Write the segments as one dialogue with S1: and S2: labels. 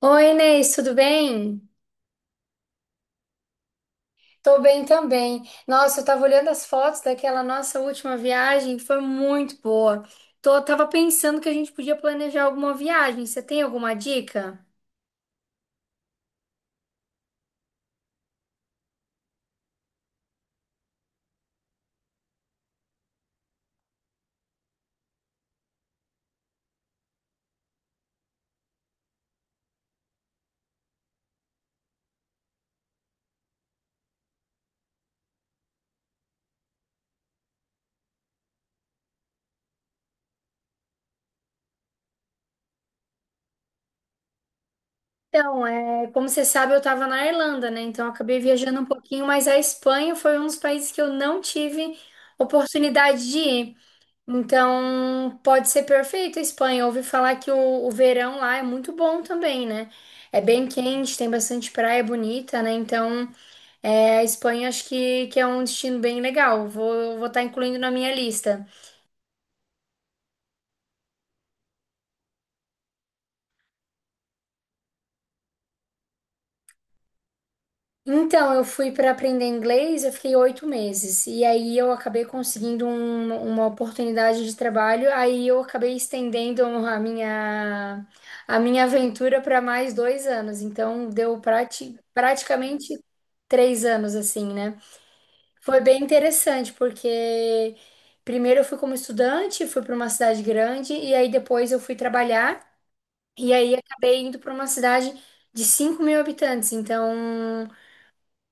S1: Oi, Inês, tudo bem? Tô bem também. Nossa, eu tava olhando as fotos daquela nossa última viagem, foi muito boa. Tava pensando que a gente podia planejar alguma viagem. Você tem alguma dica? Então, como você sabe, eu tava na Irlanda, né? Então, eu acabei viajando um pouquinho, mas a Espanha foi um dos países que eu não tive oportunidade de ir. Então, pode ser perfeito a Espanha. Eu ouvi falar que o verão lá é muito bom também, né? É bem quente, tem bastante praia bonita, né? Então, a Espanha acho que é um destino bem legal. Vou estar incluindo na minha lista. Então, eu fui para aprender inglês, eu fiquei 8 meses. E aí eu acabei conseguindo uma oportunidade de trabalho. Aí eu acabei estendendo a minha aventura para mais 2 anos. Então, deu praticamente 3 anos, assim, né? Foi bem interessante, porque primeiro eu fui como estudante, fui para uma cidade grande, e aí depois eu fui trabalhar. E aí acabei indo para uma cidade de 5 mil habitantes. Então.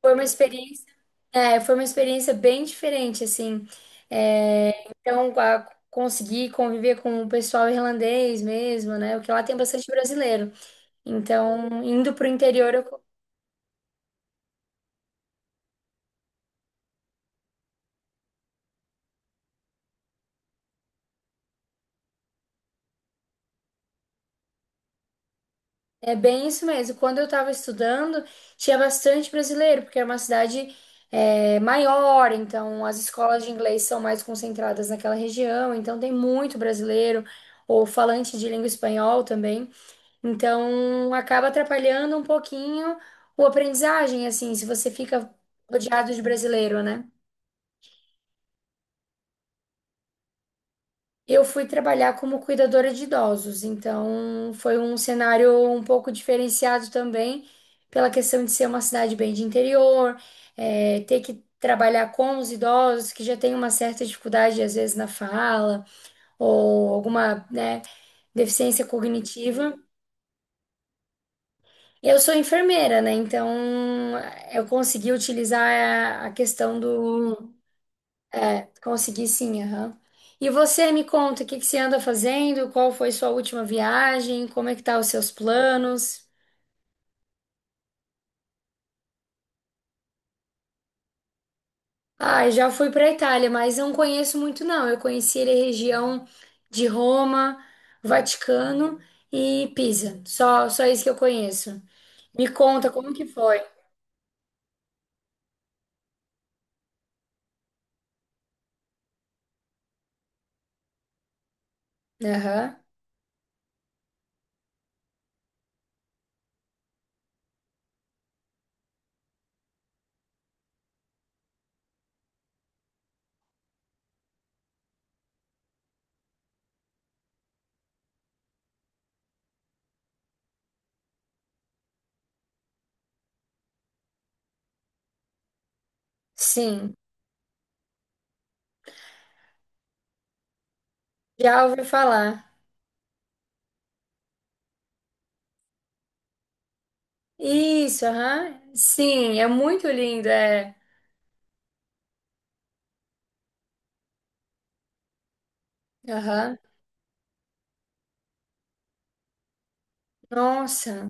S1: Foi uma experiência, foi uma experiência bem diferente, assim. É, então, consegui conviver com o pessoal irlandês mesmo, né? Porque lá tem bastante brasileiro. Então, indo para o interior. É bem isso mesmo. Quando eu estava estudando, tinha bastante brasileiro, porque é uma cidade, maior, então as escolas de inglês são mais concentradas naquela região, então tem muito brasileiro, ou falante de língua espanhol também. Então, acaba atrapalhando um pouquinho o aprendizagem, assim, se você fica rodeado de brasileiro, né? Eu fui trabalhar como cuidadora de idosos, então foi um cenário um pouco diferenciado também, pela questão de ser uma cidade bem de interior, ter que trabalhar com os idosos que já têm uma certa dificuldade, às vezes, na fala, ou alguma, né, deficiência cognitiva. Eu sou enfermeira, né? Então eu consegui utilizar a questão do. Consegui sim, aham. E você me conta, o que que você anda fazendo? Qual foi sua última viagem? Como é que tá os seus planos? Ah, eu já fui para Itália, mas não conheço muito, não. Eu conheci ali a região de Roma, Vaticano e Pisa. Só isso que eu conheço. Me conta como que foi. Aham. Sim, já ouvi falar. Isso, aham. Sim, é muito lindo, é. Aham. Nossa.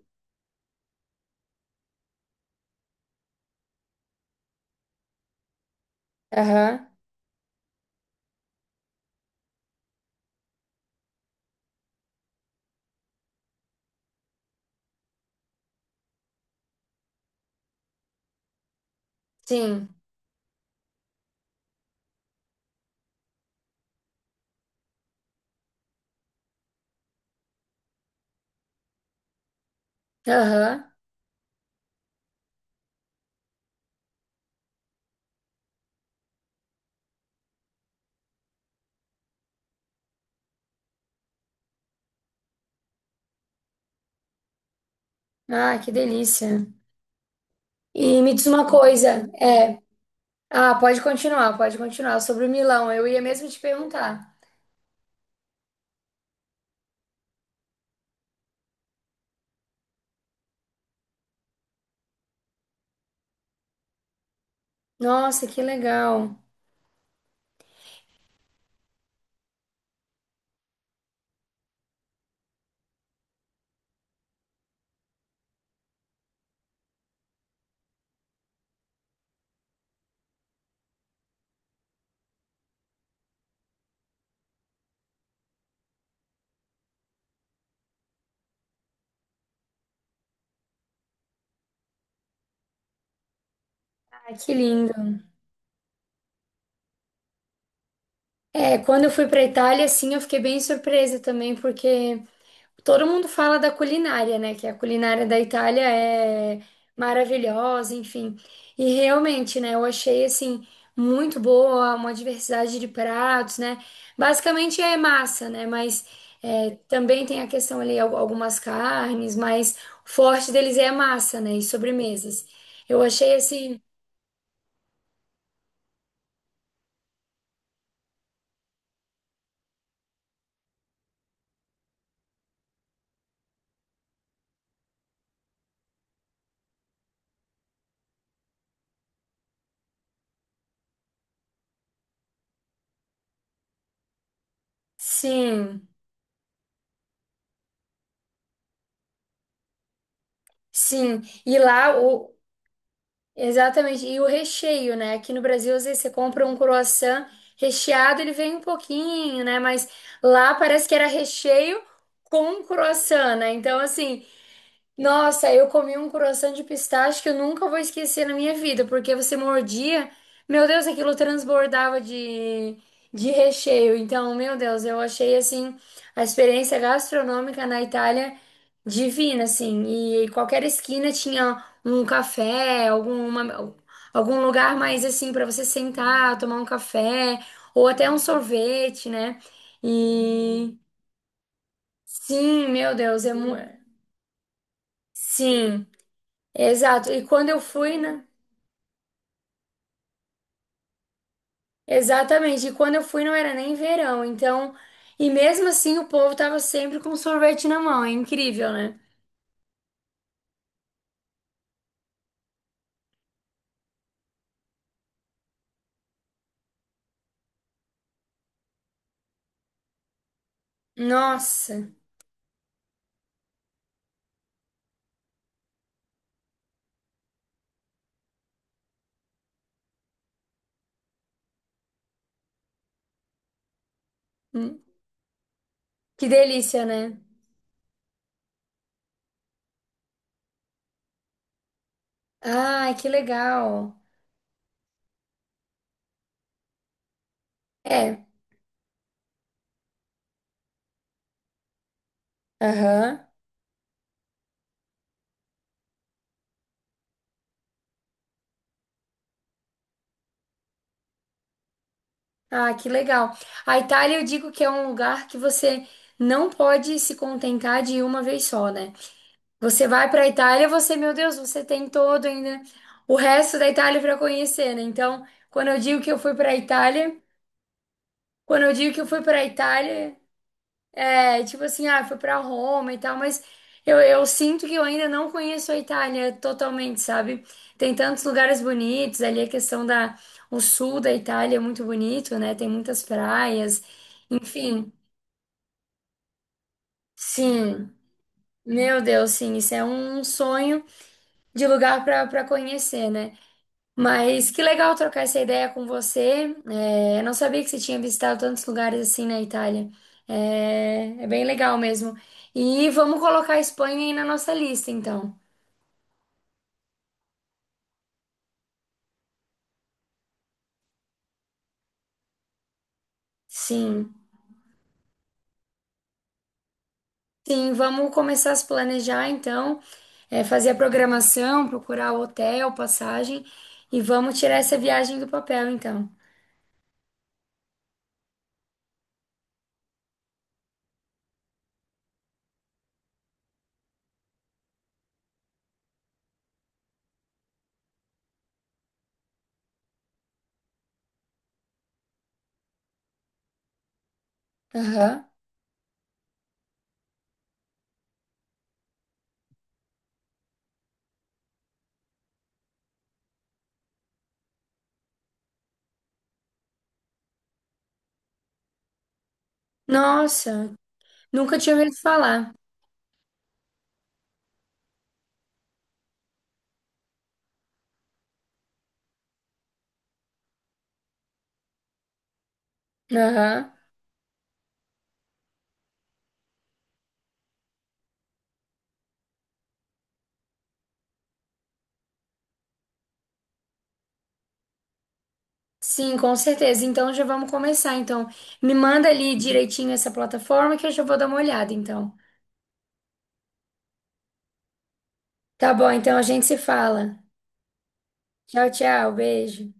S1: Aham. Sim. Aham. Ah, que delícia. E me diz uma coisa. Ah, pode continuar, pode continuar. Sobre o Milão, eu ia mesmo te perguntar. Nossa, que legal. Ah, que lindo. É, quando eu fui para Itália, sim, eu fiquei bem surpresa também, porque todo mundo fala da culinária, né? Que a culinária da Itália é maravilhosa, enfim. E realmente, né? Eu achei assim muito boa, uma diversidade de pratos, né? Basicamente é massa, né? Mas também tem a questão ali algumas carnes, mas o forte deles é a massa, né? E sobremesas. Eu achei assim, sim, sim. E lá o Exatamente. E o recheio, né? Aqui no Brasil, às vezes você compra um croissant recheado, ele vem um pouquinho, né? Mas lá parece que era recheio com croissant, né? Então, assim, nossa, eu comi um croissant de pistache que eu nunca vou esquecer na minha vida, porque você mordia, meu Deus, aquilo transbordava de recheio. Então, meu Deus, eu achei assim a experiência gastronômica na Itália divina, assim. E qualquer esquina tinha um café, algum lugar mais assim para você sentar, tomar um café ou até um sorvete, né? E sim, meu Deus, é muito. Sim. Exato. E quando eu fui, né? Exatamente. E quando eu fui não era nem verão, então, e mesmo assim o povo tava sempre com sorvete na mão. É incrível, né? Nossa, hum, que delícia, né? Ai, que legal. É. Aham. Ah, que legal. A Itália, eu digo que é um lugar que você não pode se contentar de ir uma vez só, né? Você vai pra Itália, você, meu Deus, você tem todo ainda o resto da Itália pra conhecer, né? Quando eu digo que eu fui pra Itália, Quando eu digo que eu fui para a Itália, é tipo assim, ah, fui para Roma e tal, mas eu sinto que eu ainda não conheço a Itália totalmente, sabe? Tem tantos lugares bonitos, ali a questão da, o sul da Itália é muito bonito, né? Tem muitas praias, enfim, sim. Meu Deus, sim, isso é um sonho de lugar para conhecer, né? Mas que legal trocar essa ideia com você. É, eu não sabia que você tinha visitado tantos lugares assim na Itália. É bem legal mesmo. E vamos colocar a Espanha aí na nossa lista, então. Sim, sim, vamos começar a se planejar, então, fazer a programação, procurar o hotel, passagem e vamos tirar essa viagem do papel, então. Aham. Nossa, nunca tinha ouvido falar. Aham. Sim, com certeza. Então já vamos começar. Então, me manda ali direitinho essa plataforma que eu já vou dar uma olhada, então. Tá bom, então a gente se fala. Tchau, tchau, beijo.